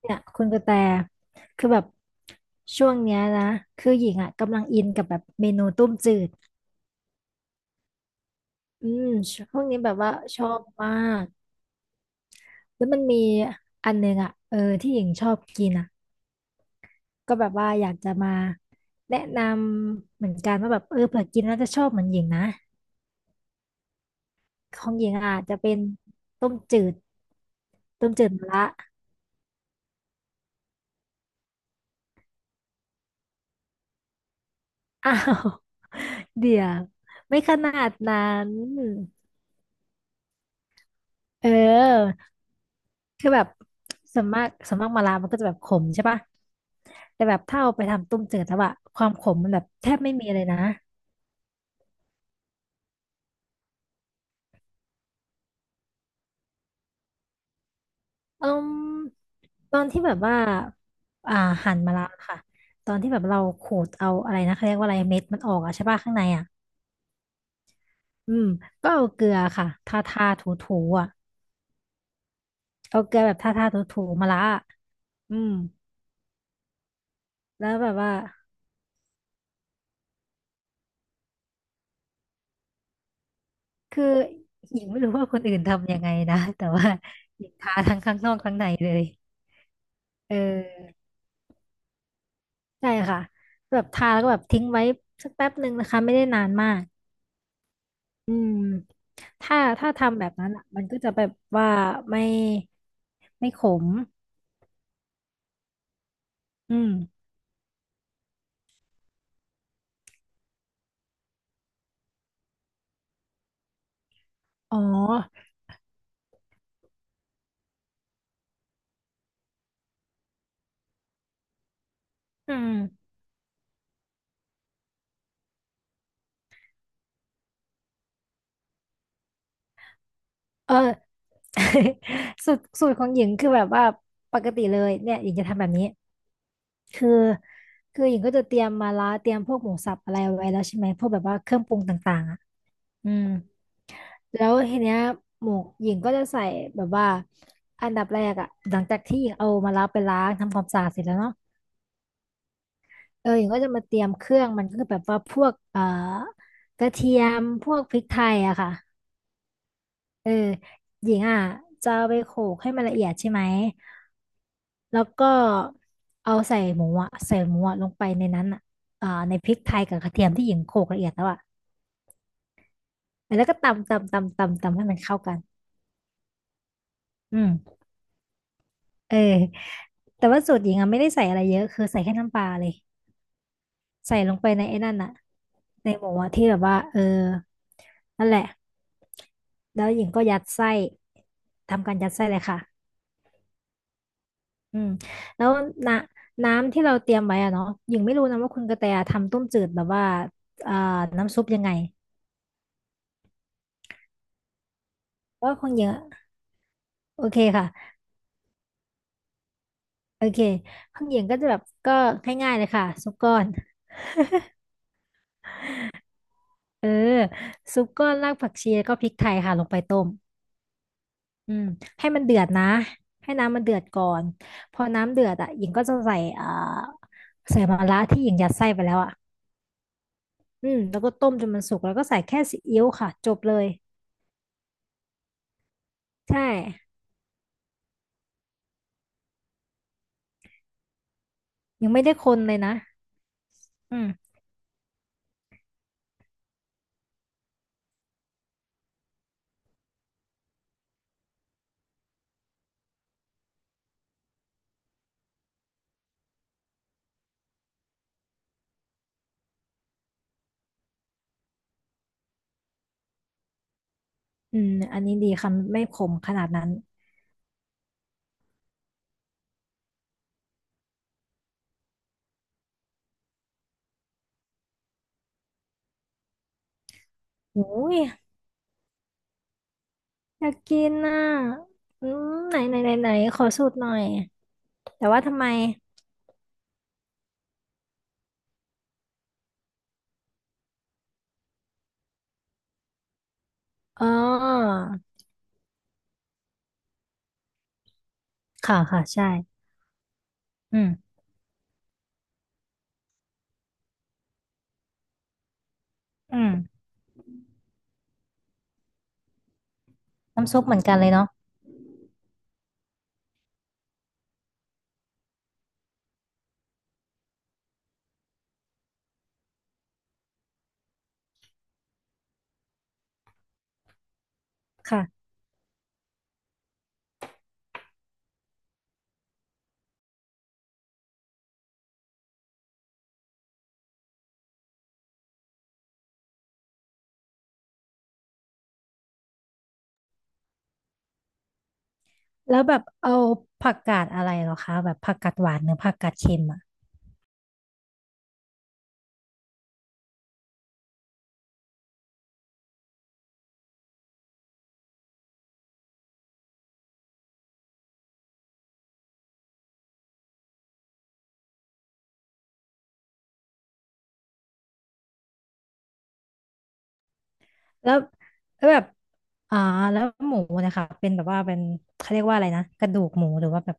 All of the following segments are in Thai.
เนี่ยคุณกระแตคือแบบช่วงเนี้ยนะคือหญิงอ่ะกำลังอินกับแบบเมนูต้มจืดอืมช่วงนี้แบบว่าชอบมากแล้วมันมีอันหนึงอ่ะที่หญิงชอบกินอ่ะก็แบบว่าอยากจะมาแนะนำเหมือนกันว่าแบบเผื่อกินแล้วจะชอบเหมือนหญิงนะของหญิงอ่ะจะเป็นต้มจืดต้มจืดมะระอ้าว เดี๋ยวไม่ขนาดนั้นเออ คือแบบส่วนมากมะระมันก็จะแบบขมใช่ปะแต่แบบถ้าเอาไปทำต้มจืดแล้วอะความขมมันแบบแทบไม่มีเลยนะอืมตอนที่แบบว่าอ่าหั่นมะระค่ะตอนที่แบบเราขูดเอาอะไรนะเขาเรียกว่าอะไรเม็ดมันออกอะใช่ปะข้างในอะอืมก็เอาเกลือค่ะทาทาถูถูอะเอาเกลือแบบทาทาถูถูมะระอะอืมแล้วแบบว่าคือหญิงไม่รู้ว่าคนอื่นทำยังไงนะแต่ว่าหญิงทาทั้งข้างนอกข้างในเลยเออ ใช่ค่ะแบบทาแล้วก็แบบทิ้งไว้สักแป๊บหนึ่งนะคะไม่ได้นานมากอืมถ้าถ้าทำแบบนั้นอ่ะมันก็จะแบบว่าไม่ไม่ขมอืมอ๋ออืมเออ สูตรของหญิงคือแบบว่าปกติเลยเนี่ยหญิงจะทำแบบนี้คือคือหญิงก็จะเตรียมมาละเตรียมพวกหมูสับอะไรเอาไว้แล้วใช่ไหมพวกแบบว่าเครื่องปรุงต่างๆอ่ะอืม แล้วทีเนี้ยหมวกหญิงก็จะใส่แบบว่าอันดับแรกอะหลังจากที่หญิงเอามาล้างไปล้างทำความสะอาดเสร็จแล้วเนาะเออหญิงก็จะมาเตรียมเครื่องมันก็คือแบบว่าพวกกระเทียมพวกพริกไทยอะค่ะเออหญิงอ่ะจะเอาไปโขลกให้มันละเอียดใช่ไหมแล้วก็เอาใส่หมูอะลงไปในนั้นอะอ่าในพริกไทยกับกระเทียมที่หญิงโขลกละเอียดแล้วอะแล้วก็ตำตำตำตำตำให้มันเข้ากันอืมเออ แต่ว่าสูตรหญิงอะไม่ได้ใส่อะไรเยอะคือใส่แค่น้ำปลาเลยใส่ลงไปในไอ้นั่นอะในหมูอะที่แบบว่าเออนั่นแหละแล้วหญิงก็ยัดไส้ทำการยัดไส้เลยค่ะอืมแล้วนะน้ำที่เราเตรียมไว้อะเนาะหญิงไม่รู้นะว่าคุณกระแตทำต้มจืดแบบว่าอ่าน้ำซุปยังไงเพราะว่าของหญิงอะโอเคค่ะโอเคของหญิงก็จะแบบก็ง่ายๆเลยค่ะซุปก้อนเออซุปก้อนรากผักชีแล้วก็พริกไทยค่ะลงไปต้ม อืมให้มันเดือดนะ ให้น้ำมันเดือดก่อน พอน้ำเดือดอ่ะหญิงก็จะใส่ใส่มะระที่หญิงยัดไส้ไปแล้วอ่ะอืมแล้วก็ต้มจนมันสุกแล้วก็ใส่แค่ซีอิ๊วค่ะจบเลยใช่ยังไม่ได้คนเลยนะอืมอืมอันนี้ดีค่ะไม่ขมขนาดนั้นโอ้ยอยากกินน่ะอืมไหนไหนไหนไหนขอสูตรหน่อยแต่ว่าทำไมอ๋อค่ะค่ะใช่อืมอืมน้ำซุปเหมือนกันเลยเนาะค่ะ แล้วแบบเอาผักกาดอะไรเหรอคะแบบผักกาดหวานหรือผักกาดเค็มอ่ะแล้วแล้วแบบอ่าแล้วหมูนะคะเป็นแบบว่าเป็นเขาเรียกว่าอะไรนะกระดูกหมูหรือว่าแบบ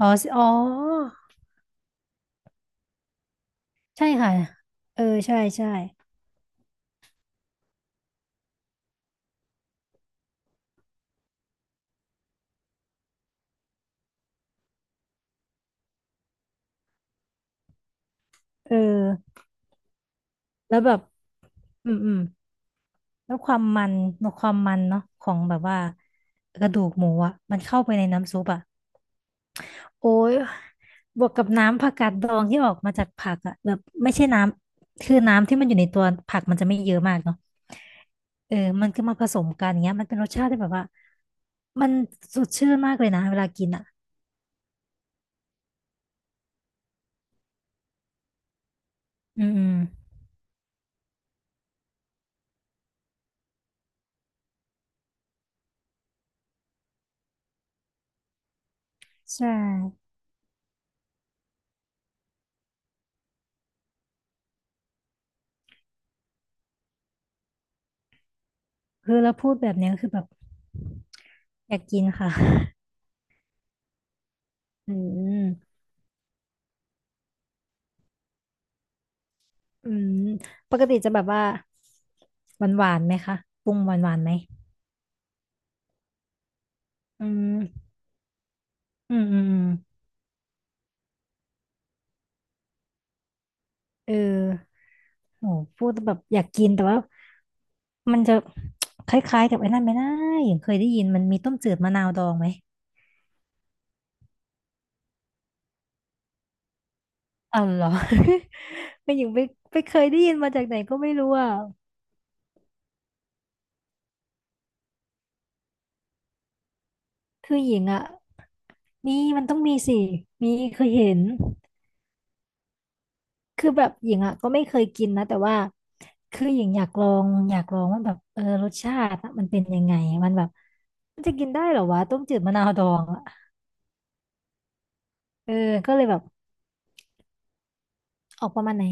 อ๋ออ๋อใช่ค่ะใช่เออแล้วแบบอืมแล้วความมันเนาะของแบบว่ากระดูกหมูอ่ะมันเข้าไปในน้ำซุปอ่ะ โอ้ยบวกกับน้ำผักกาดดองที่ออกมาจากผักอะแบบไม่ใช่น้ำคือน้ำที่มันอยู่ในตัวผักมันจะไม่เยอะมากเนาะเออมันก็มาผสมกันอย่างเงี้ยมันเป็นรสชาติที่แบบว่ามันสดชื่นมากเลยนะเวลากินอะอืมอืมใช่คือแล้วพูดแบบเนี้ยคือแบบอยากกินค่ะ อืมอืมปกติจะแบบว่าหวานหวานไหมคะปรุงหวานหวานไหมอืมอืมเออโหพูดแแบบอยากกินแต่ว่า มันจะคล้ายๆกับไอ้นั่นไหมนะอย่างเคยได้ยินมันมีต้มจืดมะนาวดองไหมเอาเหรอ ไม่อย่างไปไปเคยได้ยินมาจากไหนก็ไม่รู้อ่ะคือหญิงอ่ะมีมันต้องมีสิมีเคยเห็นคือแบบหญิงอ่ะก็ไม่เคยกินนะแต่ว่าคือหญิงอยากลองว่าแบบเออรสชาติอะมันเป็นยังไงมันแบบมันจะกินได้เหรอวะต้มจืดมะนาวดองอ่ะเออก็เลยแบบออกประมาณไหน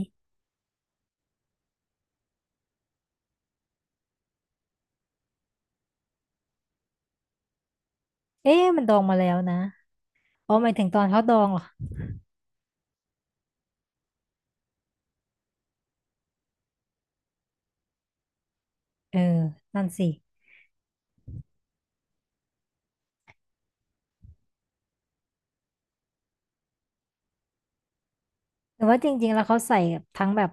เอ๊ะมันดองมาแล้วนะอ๋อหมายถึงตอนเขาดองเหรอเออนั่นสิ หรือว่าจริงๆแล้วเขาใส่ทั้งแบบ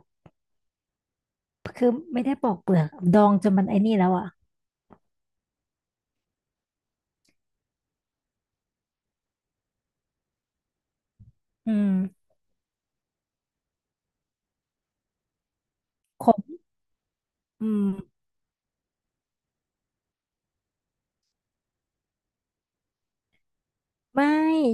คือไม่ได้ปอกเปลือกดองจนมันไอ้นี่แล้วอ่ะอืมขมอืมไม่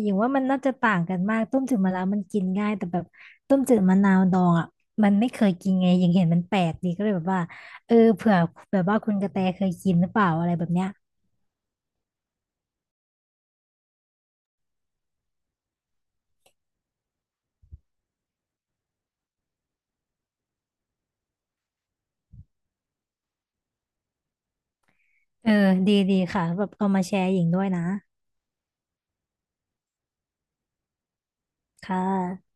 อย่างว่ามันน่าจะต่างกันมากต้มจืดมะนาวมันกินง่ายแต่แบบต้มจืดมะนาวดองอ่ะมันไม่เคยกินไงยังเห็นมันแปลกดีก็เลยแบบว่าเออเผื่อแบบว่าคุณกระแตเคยกินหรือเปล่าอะไรแบบเนี้ยเออดีค่ะแบบเอามาแชร์หญิงด้วยนะค่ะ